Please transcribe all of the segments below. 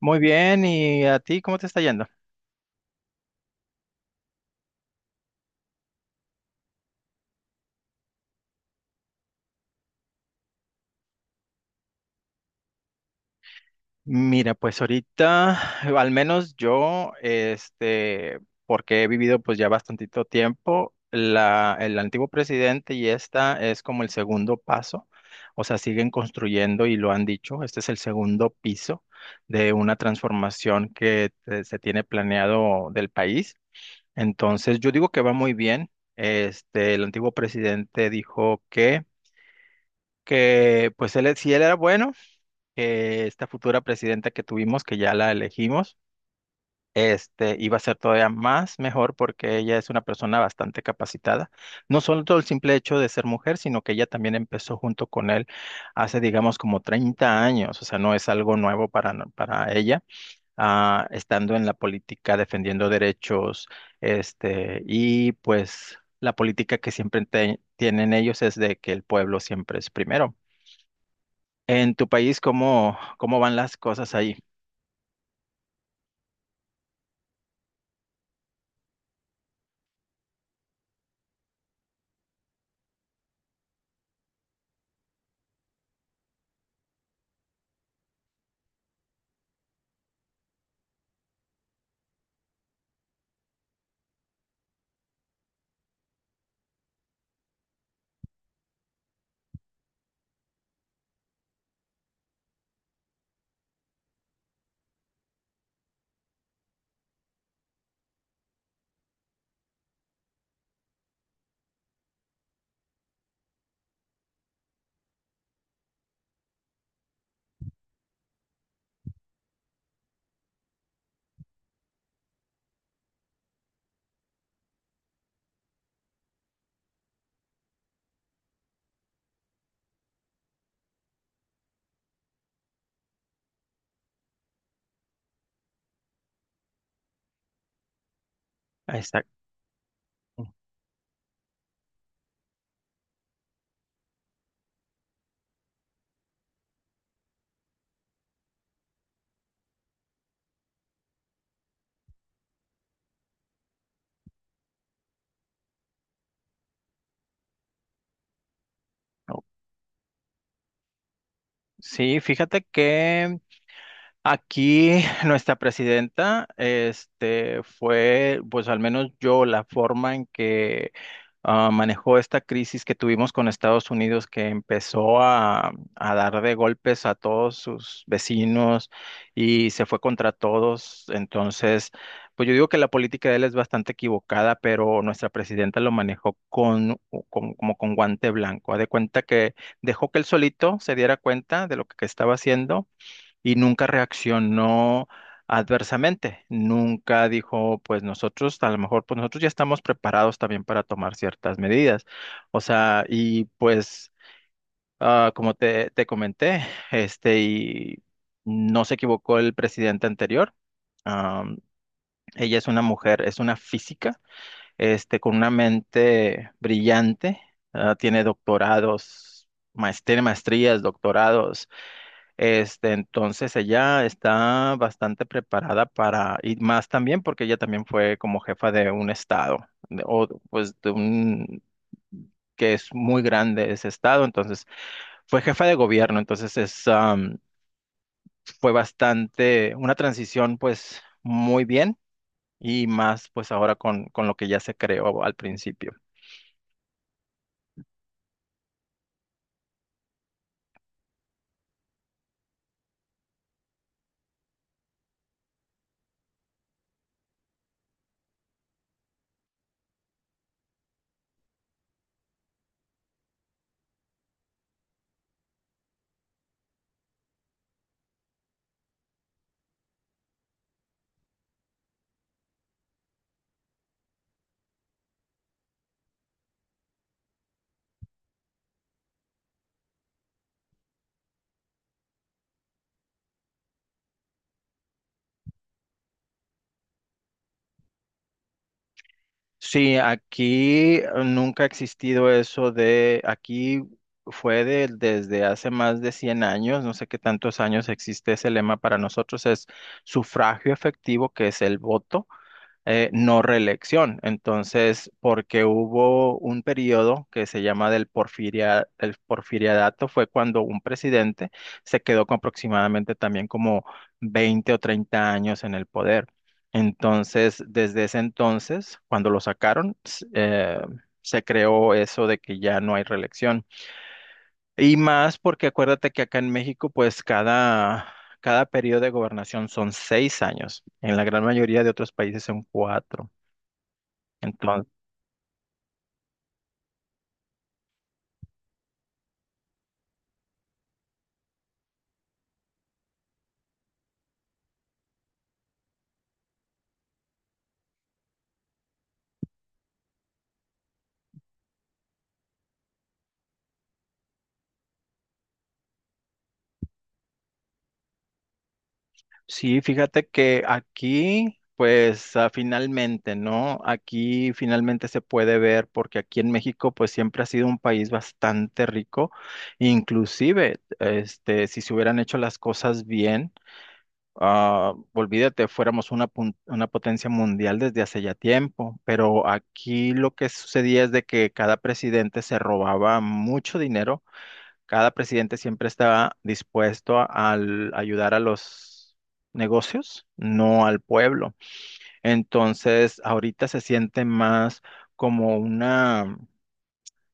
Muy bien, ¿y a ti cómo te está yendo? Mira, pues ahorita, al menos yo, porque he vivido pues ya bastantito tiempo, el antiguo presidente y esta es como el segundo paso. O sea, siguen construyendo y lo han dicho, este es el segundo piso de una transformación que se tiene planeado del país. Entonces, yo digo que va muy bien. El antiguo presidente dijo que pues él, si él era bueno, que esta futura presidenta que tuvimos, que ya la elegimos, iba a ser todavía más mejor porque ella es una persona bastante capacitada. No solo todo el simple hecho de ser mujer, sino que ella también empezó junto con él hace, digamos, como 30 años. O sea, no es algo nuevo para, para ella, estando en la política, defendiendo derechos. Y pues la política que siempre tienen ellos es de que el pueblo siempre es primero. En tu país, ¿ cómo van las cosas ahí? Exacto. Sí, fíjate que aquí nuestra presidenta, fue, pues al menos yo, la forma en que manejó esta crisis que tuvimos con Estados Unidos, que empezó a dar de golpes a todos sus vecinos y se fue contra todos. Entonces, pues yo digo que la política de él es bastante equivocada, pero nuestra presidenta lo manejó como con guante blanco. Haz de cuenta que dejó que él solito se diera cuenta de lo que estaba haciendo y nunca reaccionó adversamente. Nunca dijo, pues nosotros, a lo mejor, pues nosotros ya estamos preparados también para tomar ciertas medidas. O sea, y pues, como te comenté, este, y no se equivocó el presidente anterior. Am, Ella es una mujer, es una física, con una mente brillante. Tiene doctorados, tiene maestrías, doctorados. Entonces ella está bastante preparada para, y más también porque ella también fue como jefa de un estado, o pues de un, que es muy grande ese estado. Entonces fue jefa de gobierno, entonces es, fue bastante, una transición pues muy bien, y más pues ahora con lo que ya se creó al principio. Sí, aquí nunca ha existido eso de, aquí fue desde hace más de 100 años, no sé qué tantos años existe ese lema para nosotros, es sufragio efectivo, que es el voto. No reelección. Entonces, porque hubo un periodo que se llama del porfiria, el porfiriadato, fue cuando un presidente se quedó con aproximadamente también como 20 o 30 años en el poder. Entonces, desde ese entonces, cuando lo sacaron, se creó eso de que ya no hay reelección. Y más porque acuérdate que acá en México, pues cada periodo de gobernación son 6 años. En la gran mayoría de otros países son 4. Entonces, sí, fíjate que aquí, pues finalmente, ¿no? Aquí finalmente se puede ver porque aquí en México, pues siempre ha sido un país bastante rico. Inclusive, si se hubieran hecho las cosas bien, olvídate, fuéramos una, una potencia mundial desde hace ya tiempo. Pero aquí lo que sucedía es de que cada presidente se robaba mucho dinero. Cada presidente siempre está dispuesto al ayudar a los negocios, no al pueblo. Entonces, ahorita se siente más como una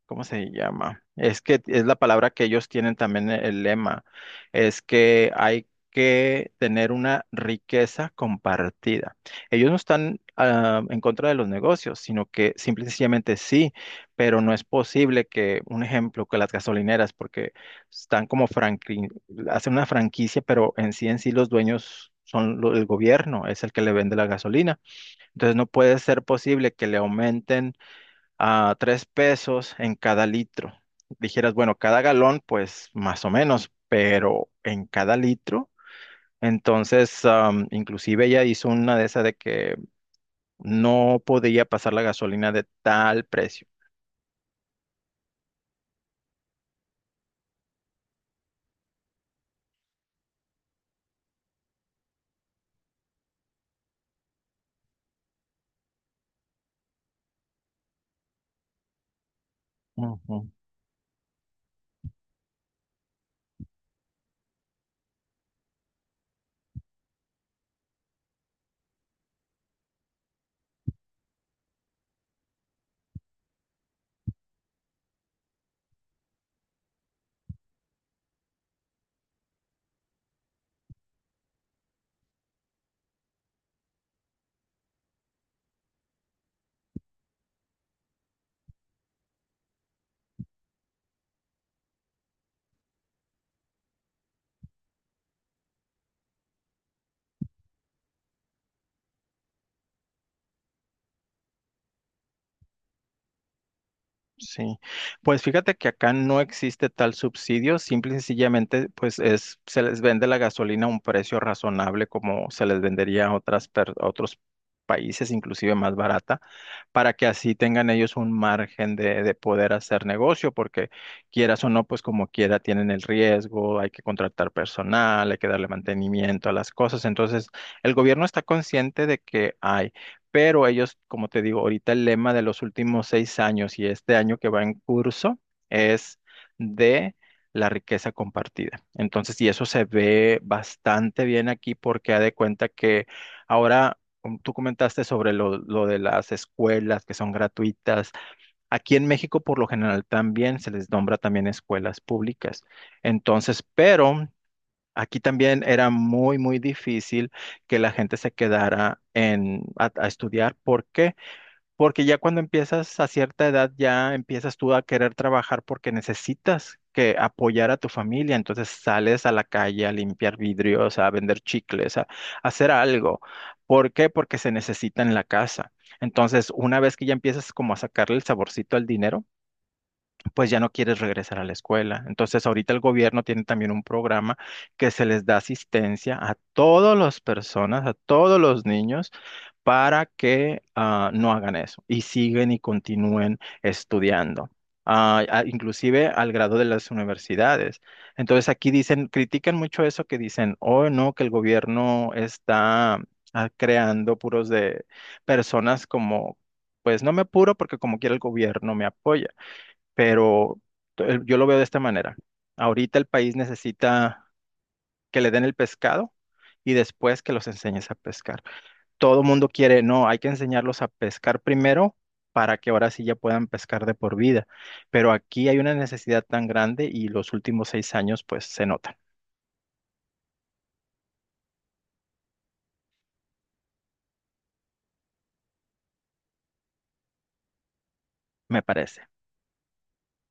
¿cómo se llama? Es que es la palabra que ellos tienen también el lema. Es que hay que tener una riqueza compartida. Ellos no están en contra de los negocios, sino que simple y sencillamente sí, pero no es posible que, un ejemplo, que las gasolineras, porque están como hacen una franquicia, pero en sí los dueños son el gobierno, es el que le vende la gasolina. Entonces no puede ser posible que le aumenten a 3 pesos en cada litro. Dijeras, bueno, cada galón, pues más o menos, pero en cada litro. Entonces, inclusive ella hizo una de esas de que no podía pasar la gasolina de tal precio. Ujú. Sí, pues fíjate que acá no existe tal subsidio, simple y sencillamente, pues es, se les vende la gasolina a un precio razonable como se les vendería a otras a otros países, inclusive más barata, para que así tengan ellos un margen de poder hacer negocio, porque quieras o no, pues como quiera tienen el riesgo, hay que contratar personal, hay que darle mantenimiento a las cosas. Entonces, el gobierno está consciente de que hay. Pero ellos, como te digo, ahorita el lema de los últimos 6 años y este año que va en curso es de la riqueza compartida. Entonces, y eso se ve bastante bien aquí porque ha de cuenta que ahora tú comentaste sobre lo de las escuelas que son gratuitas. Aquí en México, por lo general, también se les nombra también escuelas públicas. Entonces, pero aquí también era muy, muy difícil que la gente se quedara en, a estudiar. ¿Por qué? Porque ya cuando empiezas a cierta edad, ya empiezas tú a querer trabajar porque necesitas que apoyar a tu familia. Entonces sales a la calle a limpiar vidrios, a vender chicles, a hacer algo. ¿Por qué? Porque se necesita en la casa. Entonces, una vez que ya empiezas como a sacarle el saborcito al dinero, pues ya no quieres regresar a la escuela. Entonces, ahorita el gobierno tiene también un programa que se les da asistencia a todas las personas, a todos los niños, para que no hagan eso y siguen y continúen estudiando. Inclusive al grado de las universidades. Entonces aquí dicen, critican mucho eso que dicen, oh no, que el gobierno está creando puros de personas como, pues no me apuro porque como quiera el gobierno me apoya, pero yo lo veo de esta manera. Ahorita el país necesita que le den el pescado y después que los enseñes a pescar. Todo mundo quiere, no, hay que enseñarlos a pescar primero para que ahora sí ya puedan pescar de por vida. Pero aquí hay una necesidad tan grande y los últimos seis años pues se notan, me parece.